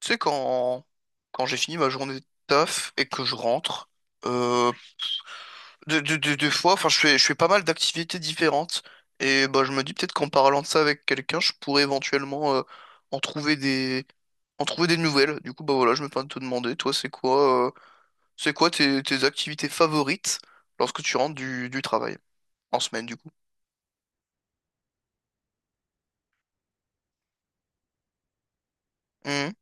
Tu sais, quand j'ai fini ma journée de taf et que je rentre, euh, des fois, enfin, je fais pas mal d'activités différentes. Et bah, je me dis peut-être qu'en parlant de ça avec quelqu'un, je pourrais éventuellement en trouver en trouver des nouvelles. Du coup, bah voilà, je me permets de te demander, toi, c'est quoi tes activités favorites lorsque tu rentres du travail? En semaine, du coup. Mhm.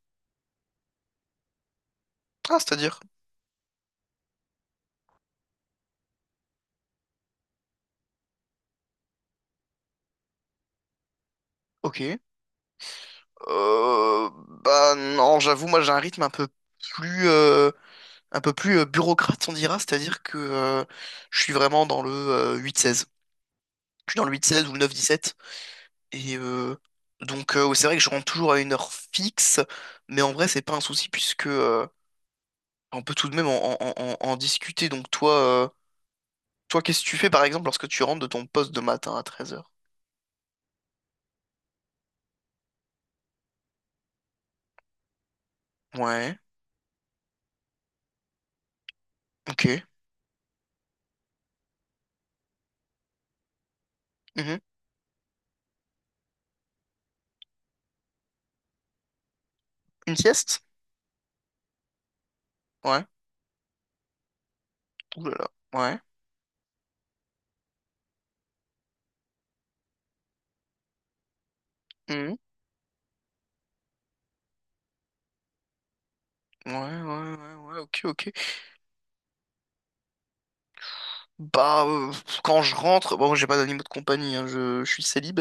Ah, c'est-à-dire? Ok. Euh, Bah non, j'avoue, moi j'ai un rythme un peu plus. Un peu plus bureaucrate, on dira, c'est-à-dire que je suis vraiment dans le 8-16. Je suis dans le huit seize ou le dix sept. Et donc, ouais, c'est vrai que je rentre toujours à une heure fixe, mais en vrai, c'est pas un souci puisque on peut tout de même en discuter. Donc, toi, toi, qu'est-ce que tu fais par exemple lorsque tu rentres de ton poste de matin à 13 heures? Ouais, ok. Mhm. Une sieste? Ouais. Ouh là là. Ouais. Mhm. Ouais, ouais, ouais, ouais, ok, ok. Bah, quand je rentre, bon, j'ai pas d'animaux de compagnie, hein, je suis célib.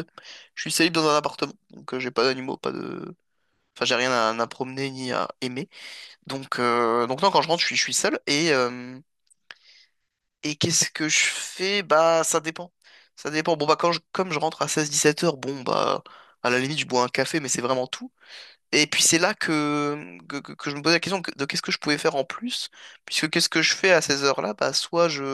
Je suis célib dans un appartement, donc j'ai pas d'animaux, pas de... Enfin, j'ai rien à promener ni à aimer. Donc non, quand je rentre, je suis seul. Et qu'est-ce que je fais? Bah, ça dépend. Ça dépend. Bon, bah, comme je rentre à 16-17 heures, bon, bah, à la limite, je bois un café, mais c'est vraiment tout. Et puis c'est là que je me posais la question de qu'est-ce que je pouvais faire en plus, puisque qu'est-ce que je fais à ces heures-là? Bah, soit je,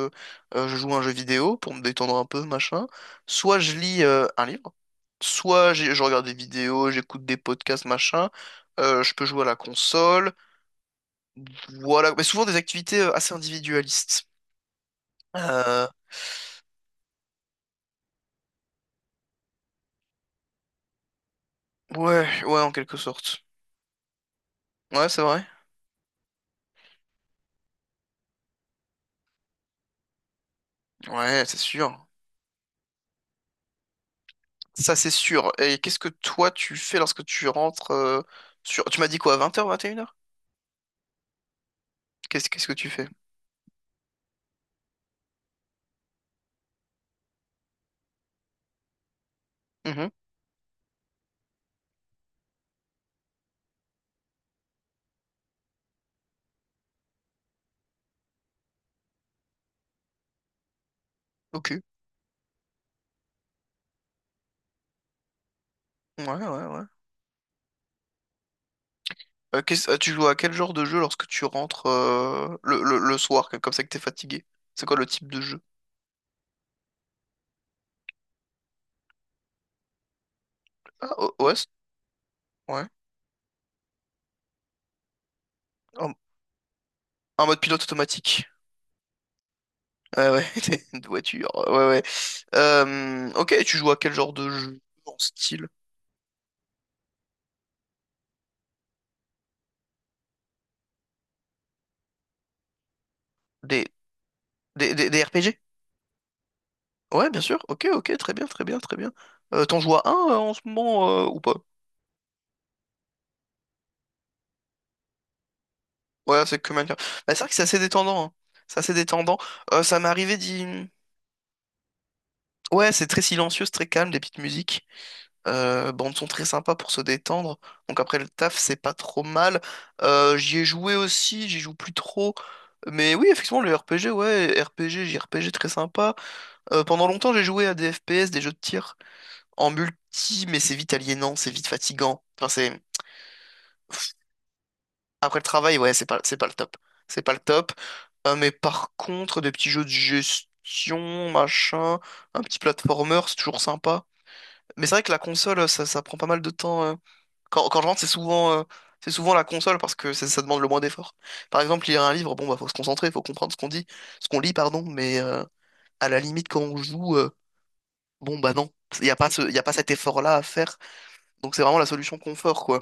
euh, je joue à un jeu vidéo pour me détendre un peu, machin, soit je lis un livre, je regarde des vidéos, j'écoute des podcasts, machin, je peux jouer à la console, voilà, mais souvent des activités assez individualistes. Euh, ouais, ouais, en quelque sorte. Ouais, c'est vrai. Ouais, c'est sûr. Ça, c'est sûr. Et qu'est-ce que toi, tu fais lorsque tu rentres sur... Tu m'as dit quoi, 20 heures, 21 heures Qu'est-ce que tu fais? Mhm. Ok. Ouais, ouais, ouais. Tu joues à quel genre de jeu lorsque tu rentres le soir, comme ça que t'es fatigué? C'est quoi le type de jeu? Ah, OS? Ouais. En, en mode pilote automatique. Ouais, ouais. T'es une voiture. Ouais, ouais. Ok, tu joues à quel genre de jeu en style? Des, des RPG? Ouais, bien sûr. Ok, ok, très bien, très bien, très bien. T'en joues à un en ce moment ou pas? Ouais, c'est que Minecraft. Bah, c'est vrai que c'est assez détendant, hein. C'est assez détendant. Ça m'est arrivé d'y... Ouais, c'est très silencieux, c'est très calme, des petites musiques. Bandes sont très sympas pour se détendre. Donc après le taf, c'est pas trop mal. J'y ai joué aussi, j'y joue plus trop. Mais oui, effectivement, le RPG, ouais, RPG, JRPG, très sympa. Pendant longtemps, j'ai joué à des FPS, des jeux de tir en multi, mais c'est vite aliénant, c'est vite fatigant. Enfin, c'est... Après le travail, ouais, c'est pas le top. C'est pas le top. Mais par contre, des petits jeux de gestion, machin, un petit platformer, c'est toujours sympa. Mais c'est vrai que la console, ça prend pas mal de temps. Quand je rentre, c'est souvent la console parce que ça demande le moins d'effort. Par exemple, lire un livre, bon, bah, faut se concentrer, faut comprendre ce qu'on dit, ce qu'on lit, pardon, mais à la limite, quand on joue, bon, bah non, il n'y a pas y a pas cet effort-là à faire. Donc c'est vraiment la solution confort, quoi.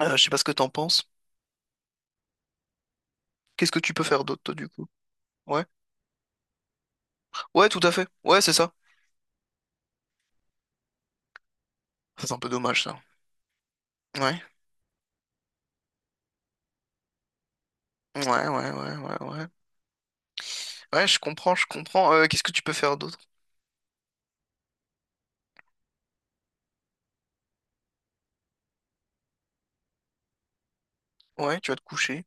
Je sais pas ce que t'en penses. Qu'est-ce que tu peux faire d'autre, toi, du coup? Ouais. Ouais, tout à fait. Ouais, c'est ça. C'est un peu dommage, ça. Ouais. Ouais, ouais, ouais, ouais, ouais. Ouais, je comprends, je comprends. Qu'est-ce que tu peux faire d'autre? Ouais, tu vas te coucher.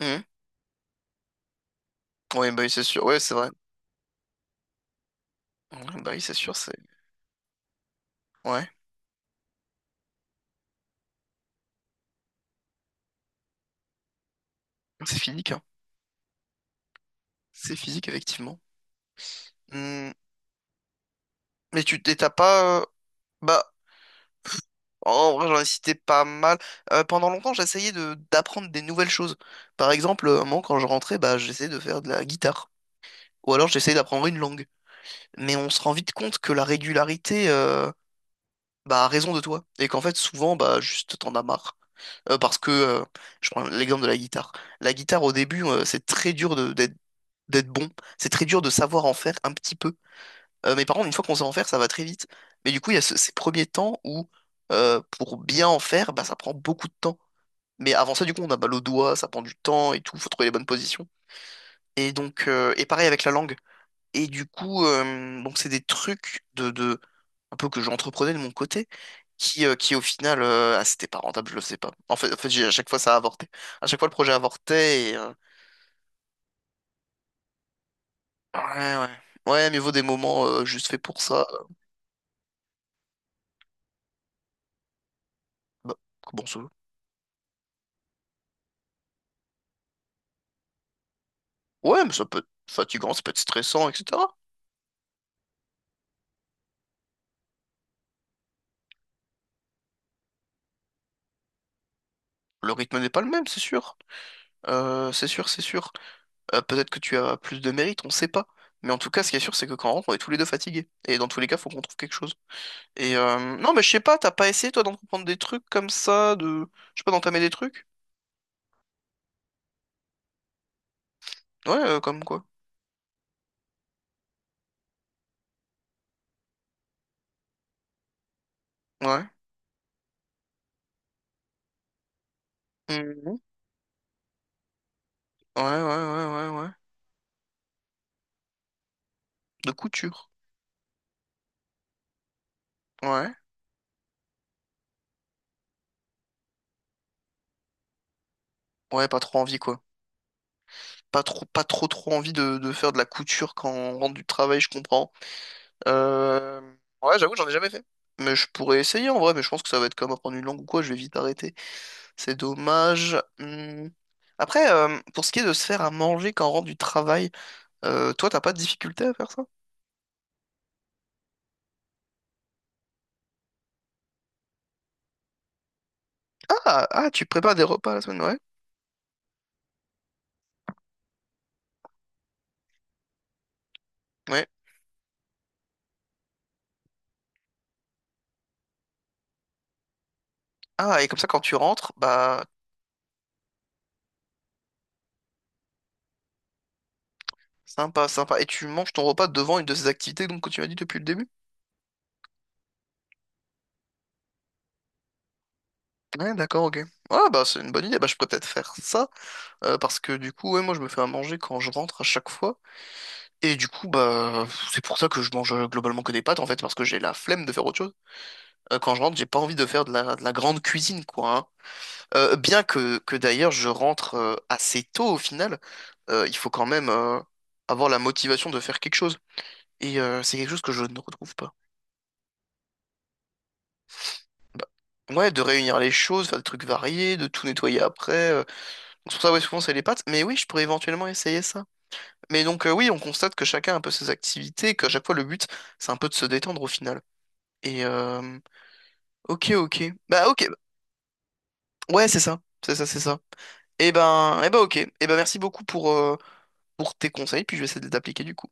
Mhm. Ouais, bah oui, c'est sûr. Ouais, c'est vrai. Ouais, bah oui, c'est sûr, c'est... Ouais. C'est physique, hein. C'est physique, effectivement. Hmm. Mais tu et t'as pas... Bah, en vrai, j'en ai cité pas mal. Pendant longtemps, j'essayais de d'apprendre des nouvelles choses. Par exemple, à un moment, quand je rentrais, bah, j'essayais de faire de la guitare. Ou alors, j'essayais d'apprendre une langue. Mais on se rend vite compte que la régularité bah, a raison de toi. Et qu'en fait, souvent, bah, juste, t'en as marre. Parce que, je prends l'exemple de la guitare. La guitare, au début, c'est très dur d'être bon. C'est très dur de savoir en faire un petit peu. Mais par contre, une fois qu'on sait en faire, ça va très vite. Mais du coup, il y a ces premiers temps où, pour bien en faire, bah, ça prend beaucoup de temps. Mais avant ça, du coup, on a mal au doigt, ça prend du temps et tout, faut trouver les bonnes positions. Et donc, et pareil avec la langue. Et du coup, donc c'est des trucs de un peu que j'entreprenais de mon côté, qui au final, c'était pas rentable, je le sais pas. En fait, à chaque fois, ça a avorté. À chaque fois, le projet avortait et, ouais, ouais. Ouais, mais vaut des moments juste faits pour ça. Bah, comment ça? Ouais, mais ça peut être fatigant, ça peut être stressant, etc. Le rythme n'est pas le même, c'est sûr. C'est sûr, c'est sûr. Peut-être que tu as plus de mérite, on sait pas. Mais en tout cas, ce qui est sûr, c'est que quand on rentre, on est tous les deux fatigués. Et dans tous les cas, faut qu'on trouve quelque chose. Et non, mais je sais pas, t'as pas essayé, toi, d'entreprendre des trucs comme ça, de... Je sais pas, d'entamer des trucs? Ouais, comme quoi. Ouais. Mhm. Ouais, ouais, ouais, ouais, ouais. De couture. Ouais. Ouais, pas trop envie, quoi. Pas trop, trop envie de faire de la couture quand on rentre du travail, je comprends. Euh... Ouais, j'avoue, j'en ai jamais fait. Mais je pourrais essayer en vrai, mais je pense que ça va être comme apprendre une langue ou quoi, je vais vite arrêter. C'est dommage. Hmm. Après, pour ce qui est de se faire à manger quand on rentre du travail, toi, t'as pas de difficulté à faire ça? Ah, ah, tu prépares des repas la semaine, ouais. Ouais. Ah, et comme ça, quand tu rentres, bah, sympa, sympa. Et tu manges ton repas devant une de ces activités donc, que tu m'as dit depuis le début? Ouais, d'accord, ok. Ah, bah, c'est une bonne idée. Bah, je pourrais peut-être faire ça, parce que du coup, ouais, moi, je me fais à manger quand je rentre à chaque fois. Et du coup, bah, c'est pour ça que je mange globalement que des pâtes, en fait, parce que j'ai la flemme de faire autre chose. Quand je rentre, j'ai pas envie de faire de de la grande cuisine, quoi, hein. Bien que d'ailleurs, je rentre assez tôt au final, il faut quand même avoir la motivation de faire quelque chose. Et c'est quelque chose que je ne retrouve pas. Bah, ouais, de réunir les choses, faire des trucs variés, de tout nettoyer après. Donc, c'est pour ça, ouais, souvent, c'est les pâtes. Mais oui, je pourrais éventuellement essayer ça. Mais donc, oui, on constate que chacun a un peu ses activités, qu'à chaque fois, le but, c'est un peu de se détendre au final. Et, ok, ok. Bah, ok. Ouais, c'est ça. C'est ça, c'est ça. Et ben, ok. Et ben, merci beaucoup pour tes conseils, puis je vais essayer de les appliquer du coup.